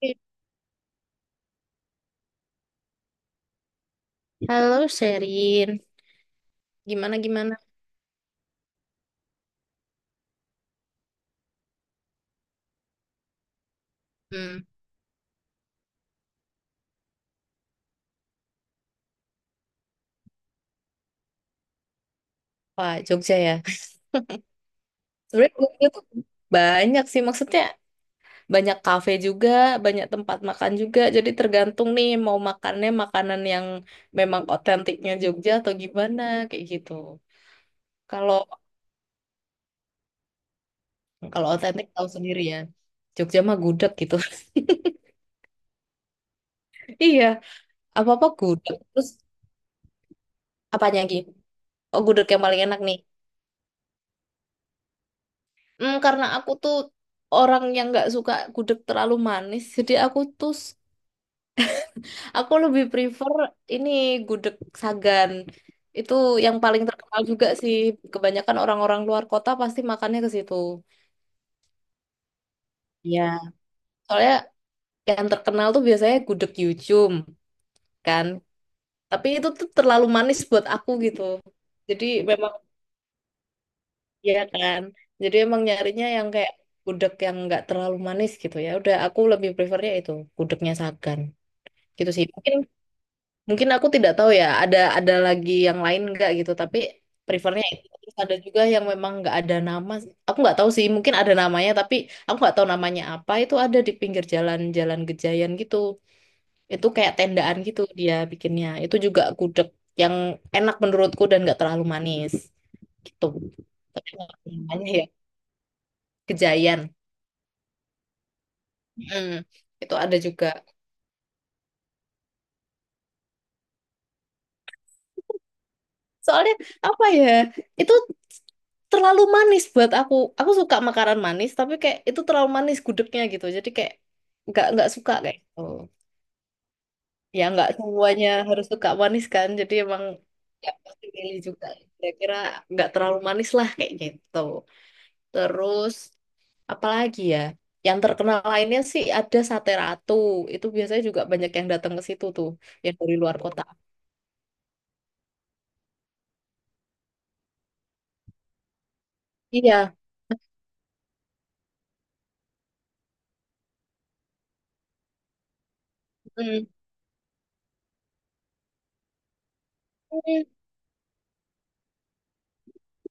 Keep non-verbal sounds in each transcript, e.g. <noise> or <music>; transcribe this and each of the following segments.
Iya. Halo Sherin, gimana gimana? Hmm, wah Jogja ya. <laughs> Sebenarnya Jogja tuh banyak sih maksudnya banyak kafe juga, banyak tempat makan juga. Jadi tergantung nih mau makannya makanan yang memang otentiknya Jogja atau gimana kayak gitu. Kalau kalau otentik tahu sendiri ya. Jogja mah gudeg gitu. <laughs> Iya, apa-apa gudeg. Terus apanya lagi? Oh, gudeg yang paling enak nih. Hmm, karena aku tuh orang yang nggak suka gudeg terlalu manis, jadi aku tuh aku lebih prefer ini gudeg Sagan. Itu yang paling terkenal juga sih. Kebanyakan orang-orang luar kota pasti makannya ke situ. Iya. Soalnya yang terkenal tuh biasanya gudeg Yucum kan. Tapi itu tuh terlalu manis buat aku gitu. Jadi memang ya kan. Jadi emang nyarinya yang kayak gudeg yang nggak terlalu manis gitu ya. Udah aku lebih prefernya itu gudegnya Sagan. Gitu sih. Mungkin Mungkin aku tidak tahu ya, ada lagi yang lain nggak gitu, tapi prefernya itu. Terus ada juga yang memang nggak ada nama. Aku nggak tahu sih, mungkin ada namanya, tapi aku nggak tahu namanya apa. Itu ada di pinggir jalan-jalan Gejayan gitu. Itu kayak tendaan gitu dia bikinnya. Itu juga gudeg yang enak menurutku dan nggak terlalu manis gitu. Tapi nggak tahu namanya ya Gejayan. Mm. Itu ada juga. Soalnya apa ya? Itu terlalu manis buat aku. Aku suka makanan manis, tapi kayak itu terlalu manis gudegnya gitu. Jadi kayak nggak suka kayak gitu. Ya nggak semuanya harus suka manis kan. Jadi emang ya pasti milih juga. Kira-kira nggak terlalu manis lah kayak gitu. Terus apalagi ya? Yang terkenal lainnya sih ada sate ratu. Itu biasanya juga banyak yang datang ke situ tuh, yang dari luar kota. Iya. Hmm.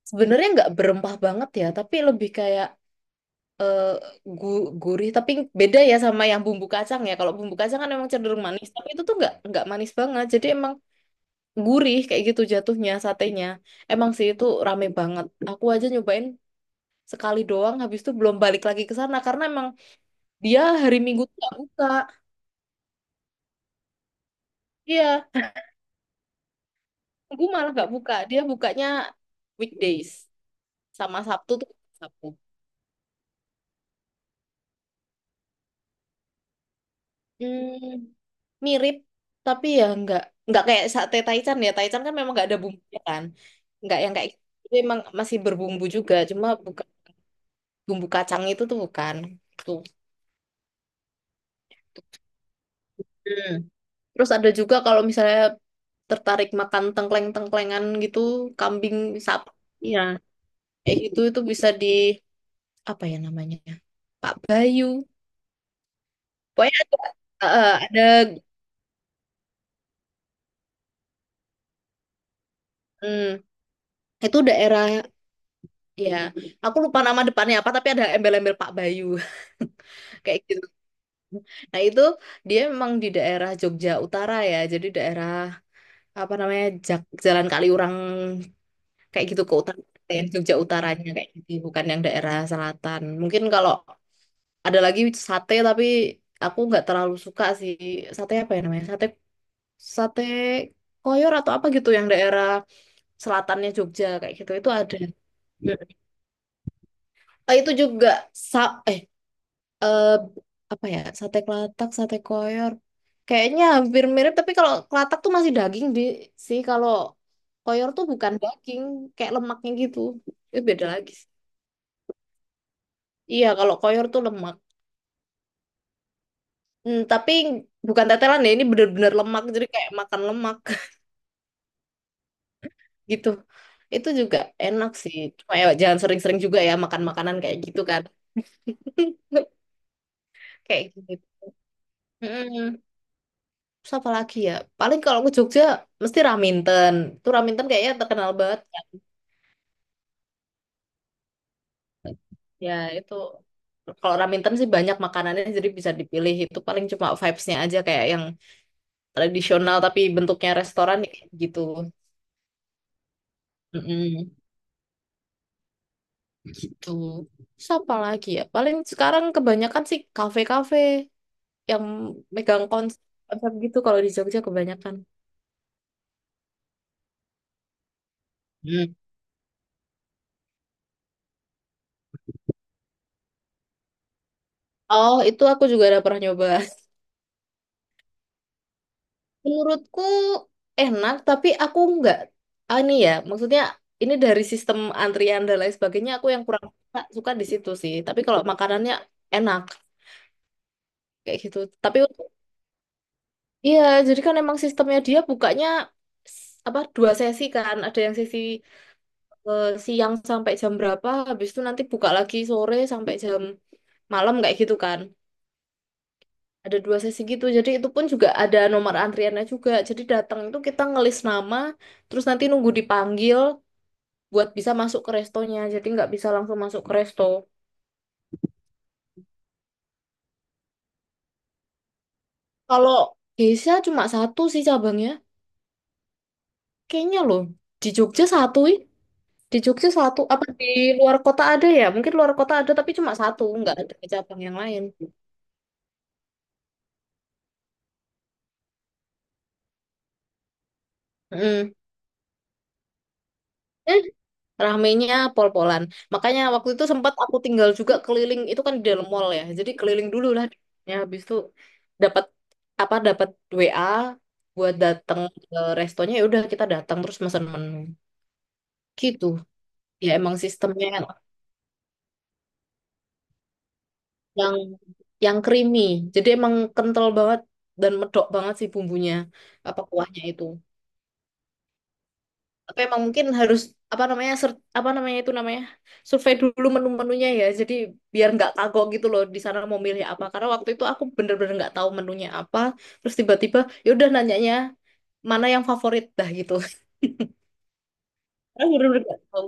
Sebenarnya nggak berempah banget ya, tapi lebih kayak eh, gurih. Tapi beda ya sama yang bumbu kacang ya. Kalau bumbu kacang kan emang cenderung manis, tapi itu tuh nggak manis banget. Jadi emang gurih kayak gitu jatuhnya satenya. Emang sih itu rame banget. Aku aja nyobain sekali doang, habis itu belum balik lagi ke sana karena emang dia hari Minggu tuh nggak buka. Iya, gue malah nggak buka. Dia bukanya weekdays sama Sabtu tuh Sabtu. Hmm, mirip tapi ya nggak kayak sate Taichan ya Taichan kan memang nggak ada bumbunya kan nggak yang kayak gitu. Itu emang masih berbumbu juga cuma bukan bumbu kacang itu tuh bukan tuh. Hmm, terus ada juga kalau misalnya tertarik makan tengkleng-tengklengan gitu kambing sapi ya kayak gitu itu bisa di apa ya namanya Pak Bayu pokoknya ada ada, hmm, itu daerah. Iya, aku lupa nama depannya apa, tapi ada embel-embel Pak Bayu <laughs> kayak gitu. Nah itu dia memang di daerah Jogja Utara ya, jadi daerah apa namanya Jalan Kaliurang kayak gitu ke utara, ya, Jogja Utaranya kayak gitu, bukan yang daerah selatan. Mungkin kalau ada lagi sate, tapi aku nggak terlalu suka sih sate apa ya namanya sate sate koyor atau apa gitu yang daerah selatannya Jogja kayak gitu itu ada. Itu juga sa eh eh apa ya sate kelatak sate koyor kayaknya hampir mirip tapi kalau kelatak tuh masih daging di sih kalau koyor tuh bukan daging kayak lemaknya gitu itu beda lagi sih. Iya kalau koyor tuh lemak. Hmm, tapi bukan tetelan ya ini bener-bener lemak jadi kayak makan lemak <laughs> gitu itu juga enak sih cuma ya jangan sering-sering juga ya makan makanan kayak gitu kan. <laughs> Kayak gitu. Mm-mm. Terus apa lagi ya? Paling kalau ke Jogja mesti Raminten. Tuh Raminten kayaknya terkenal banget. Ya itu kalau Raminten sih banyak makanannya jadi bisa dipilih. Itu paling cuma vibes-nya aja kayak yang tradisional tapi bentuknya restoran ya kayak gitu. Mm-mm, gitu. Terus apa lagi ya? Paling sekarang kebanyakan sih kafe-kafe yang megang konsep, konsep gitu kalau di Jogja kebanyakan. Hmm. Oh, itu aku juga udah pernah nyoba. Menurutku enak, tapi aku nggak, ah, ini ya, maksudnya ini dari sistem antrian dan lain sebagainya, aku yang kurang suka, suka di situ sih. Tapi kalau makanannya enak, kayak gitu. Tapi untuk- iya, jadi kan emang sistemnya dia bukanya apa dua sesi kan, ada yang sesi siang sampai jam berapa, habis itu nanti buka lagi sore sampai jam malam kayak gitu kan. Ada dua sesi gitu, jadi itu pun juga ada nomor antriannya juga. Jadi datang itu kita ngelis nama, terus nanti nunggu dipanggil buat bisa masuk ke restonya. Jadi nggak bisa langsung masuk ke resto. Kalau Geisha cuma satu sih cabangnya. Kayaknya loh, di Jogja satu ih. Di Jogja satu, apa di luar kota ada ya? Mungkin luar kota ada tapi cuma satu, nggak ada cabang yang lain. Mm. Eh, ramenya pol-polan. Makanya waktu itu sempat aku tinggal juga keliling, itu kan di dalam mall ya. Jadi keliling dulu lah. Ya, habis itu dapat dapat WA buat datang ke restonya ya udah kita datang terus mesen menu. Gitu. Ya emang sistemnya yang yang creamy. Jadi emang kental banget dan medok banget sih bumbunya apa kuahnya itu. Tapi emang mungkin harus apa namanya apa namanya itu namanya survei dulu menu-menunya ya. Jadi biar nggak kagok gitu loh di sana mau milih apa. Karena waktu itu aku bener-bener nggak tahu menunya apa. Terus tiba-tiba ya udah nanyanya mana yang favorit dah gitu. <laughs> Aku bener-bener nggak tahu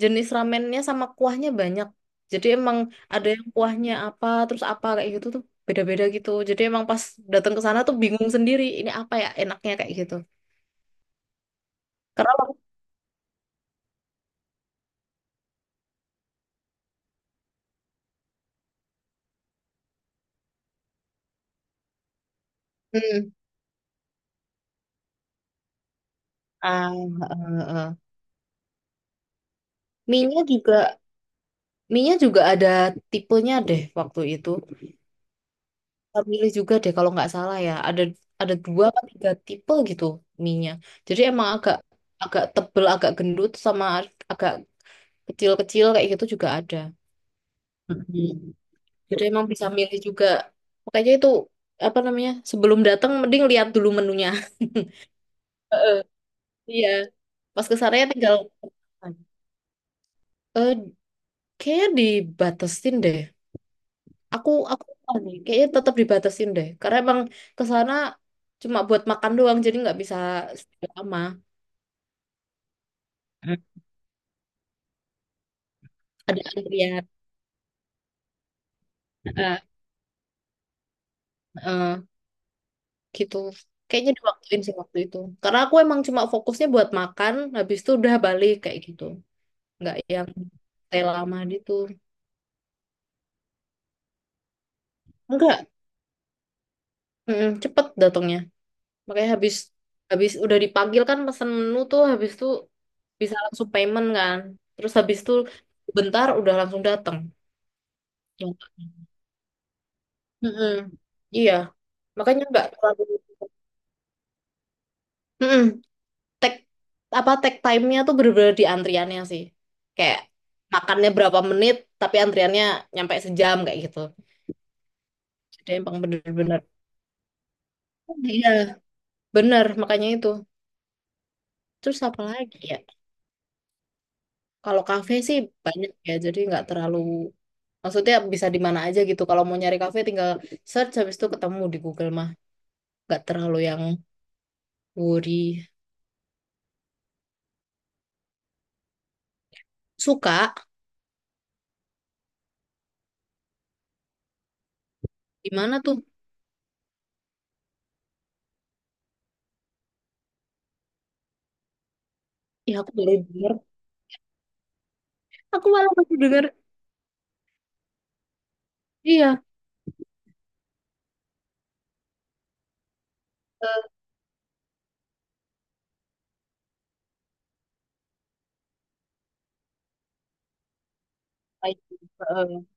jenis ramennya sama kuahnya banyak. Jadi emang ada yang kuahnya apa, terus apa kayak gitu tuh beda-beda gitu. Jadi emang pas datang ke sana tuh bingung sendiri, ini apa ya enaknya kayak gitu. Karena wak- hmm, ah, eh. Mie-nya juga mie-nya juga ada tipenya deh waktu itu. Kita milih juga deh kalau nggak salah ya. Ada dua atau tiga tipe gitu mie-nya. Jadi emang agak agak tebel, agak gendut sama agak kecil-kecil kayak gitu juga ada. Mm-mm. Jadi emang bisa milih juga. Makanya itu apa namanya? Sebelum datang mending lihat dulu menunya. <laughs> Heeh. Iya. Pas ke sana ya tinggal eh kayaknya dibatasin deh. Aku lupa nih, kayaknya tetap dibatasin deh. Karena emang ke sana cuma buat makan doang jadi nggak bisa sekian lama. Hmm. Ada antrian. Heeh, heeh, gitu. Kayaknya diwaktuin sih waktu itu. Karena aku emang cuma fokusnya buat makan, habis itu udah balik kayak gitu. Nggak yang stay lama gitu. Enggak. Mm, cepet datangnya makanya habis habis udah dipanggil kan pesen menu tuh habis tuh bisa langsung payment kan terus habis tuh bentar udah langsung datang. Ya. Mm-mm. Iya makanya nggak terlalu, mm, Take- apa take time-nya tuh bener-bener di antriannya sih kayak makannya berapa menit tapi antriannya nyampe sejam kayak gitu jadi emang bener-bener iya bener makanya itu terus apa lagi ya. Kalau kafe sih banyak ya, jadi nggak terlalu, maksudnya bisa di mana aja gitu. Kalau mau nyari kafe tinggal search habis itu ketemu di Google mah, nggak terlalu yang worry. Suka di mana tuh? Ya aku baru denger, aku malah baru denger. Iya, eh, Thai. Eh,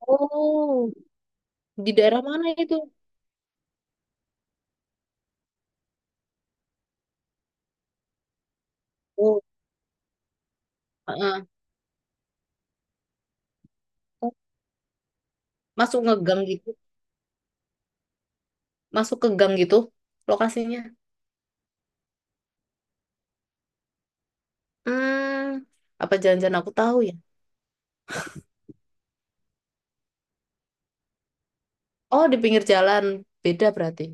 oh di daerah mana itu? Oh, heeh. Oh, masuk ngegang gitu, masuk ke gang gitu lokasinya. Hmm, apa jangan-jangan aku tahu ya? Oh di pinggir jalan, beda berarti.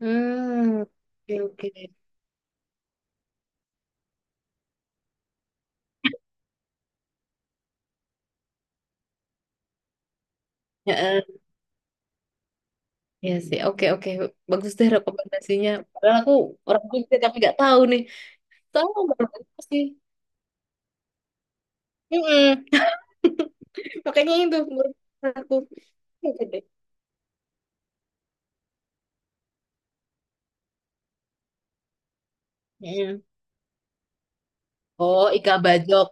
Hmm, oke oke. Heeh, ya, sih, oke oke. Bagus deh rekomendasinya. Padahal aku orang Jogja tapi nggak tahu nih. Tahu aku baru sih. Mm-mm. <laughs> Makanya itu menurut aku. Oke deh. Mm. Oh, Ika Bajok.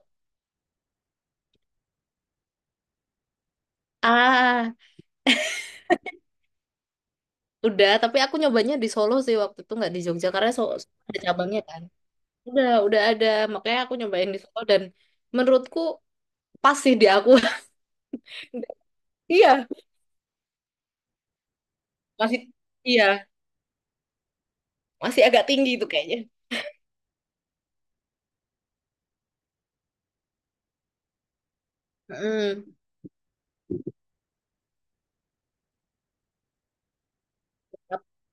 Ah, udah. Tapi aku nyobanya di Solo sih waktu itu nggak di Jogja karena so so- ada cabangnya kan. Udah ada. Makanya aku nyobain di Solo dan menurutku pas sih di aku. <laughs> Iya, masih iya, masih agak tinggi itu kayaknya. Mm.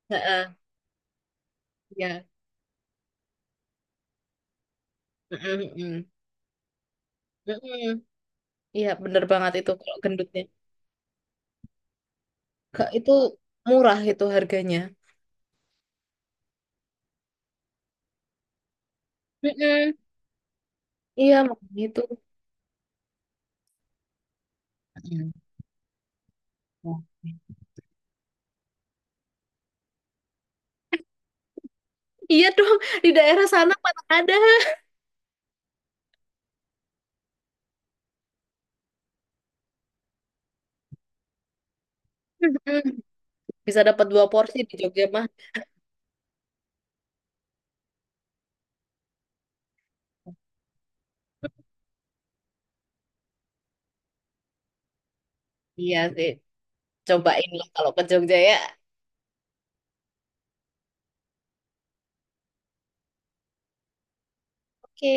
Heeh, iya. Mm-mm, mm-mm. Mm-mm. Iya, bener banget itu kalau gendutnya. Kak, itu murah itu harganya. Mm-mm. Iya, makanya itu. Mm. Iya dong, di daerah sana mana ada. Mm-mm. Bisa dapat dua porsi di Jogja mah. Iya sih, cobain lah kalau ke Jogja ya. Oke.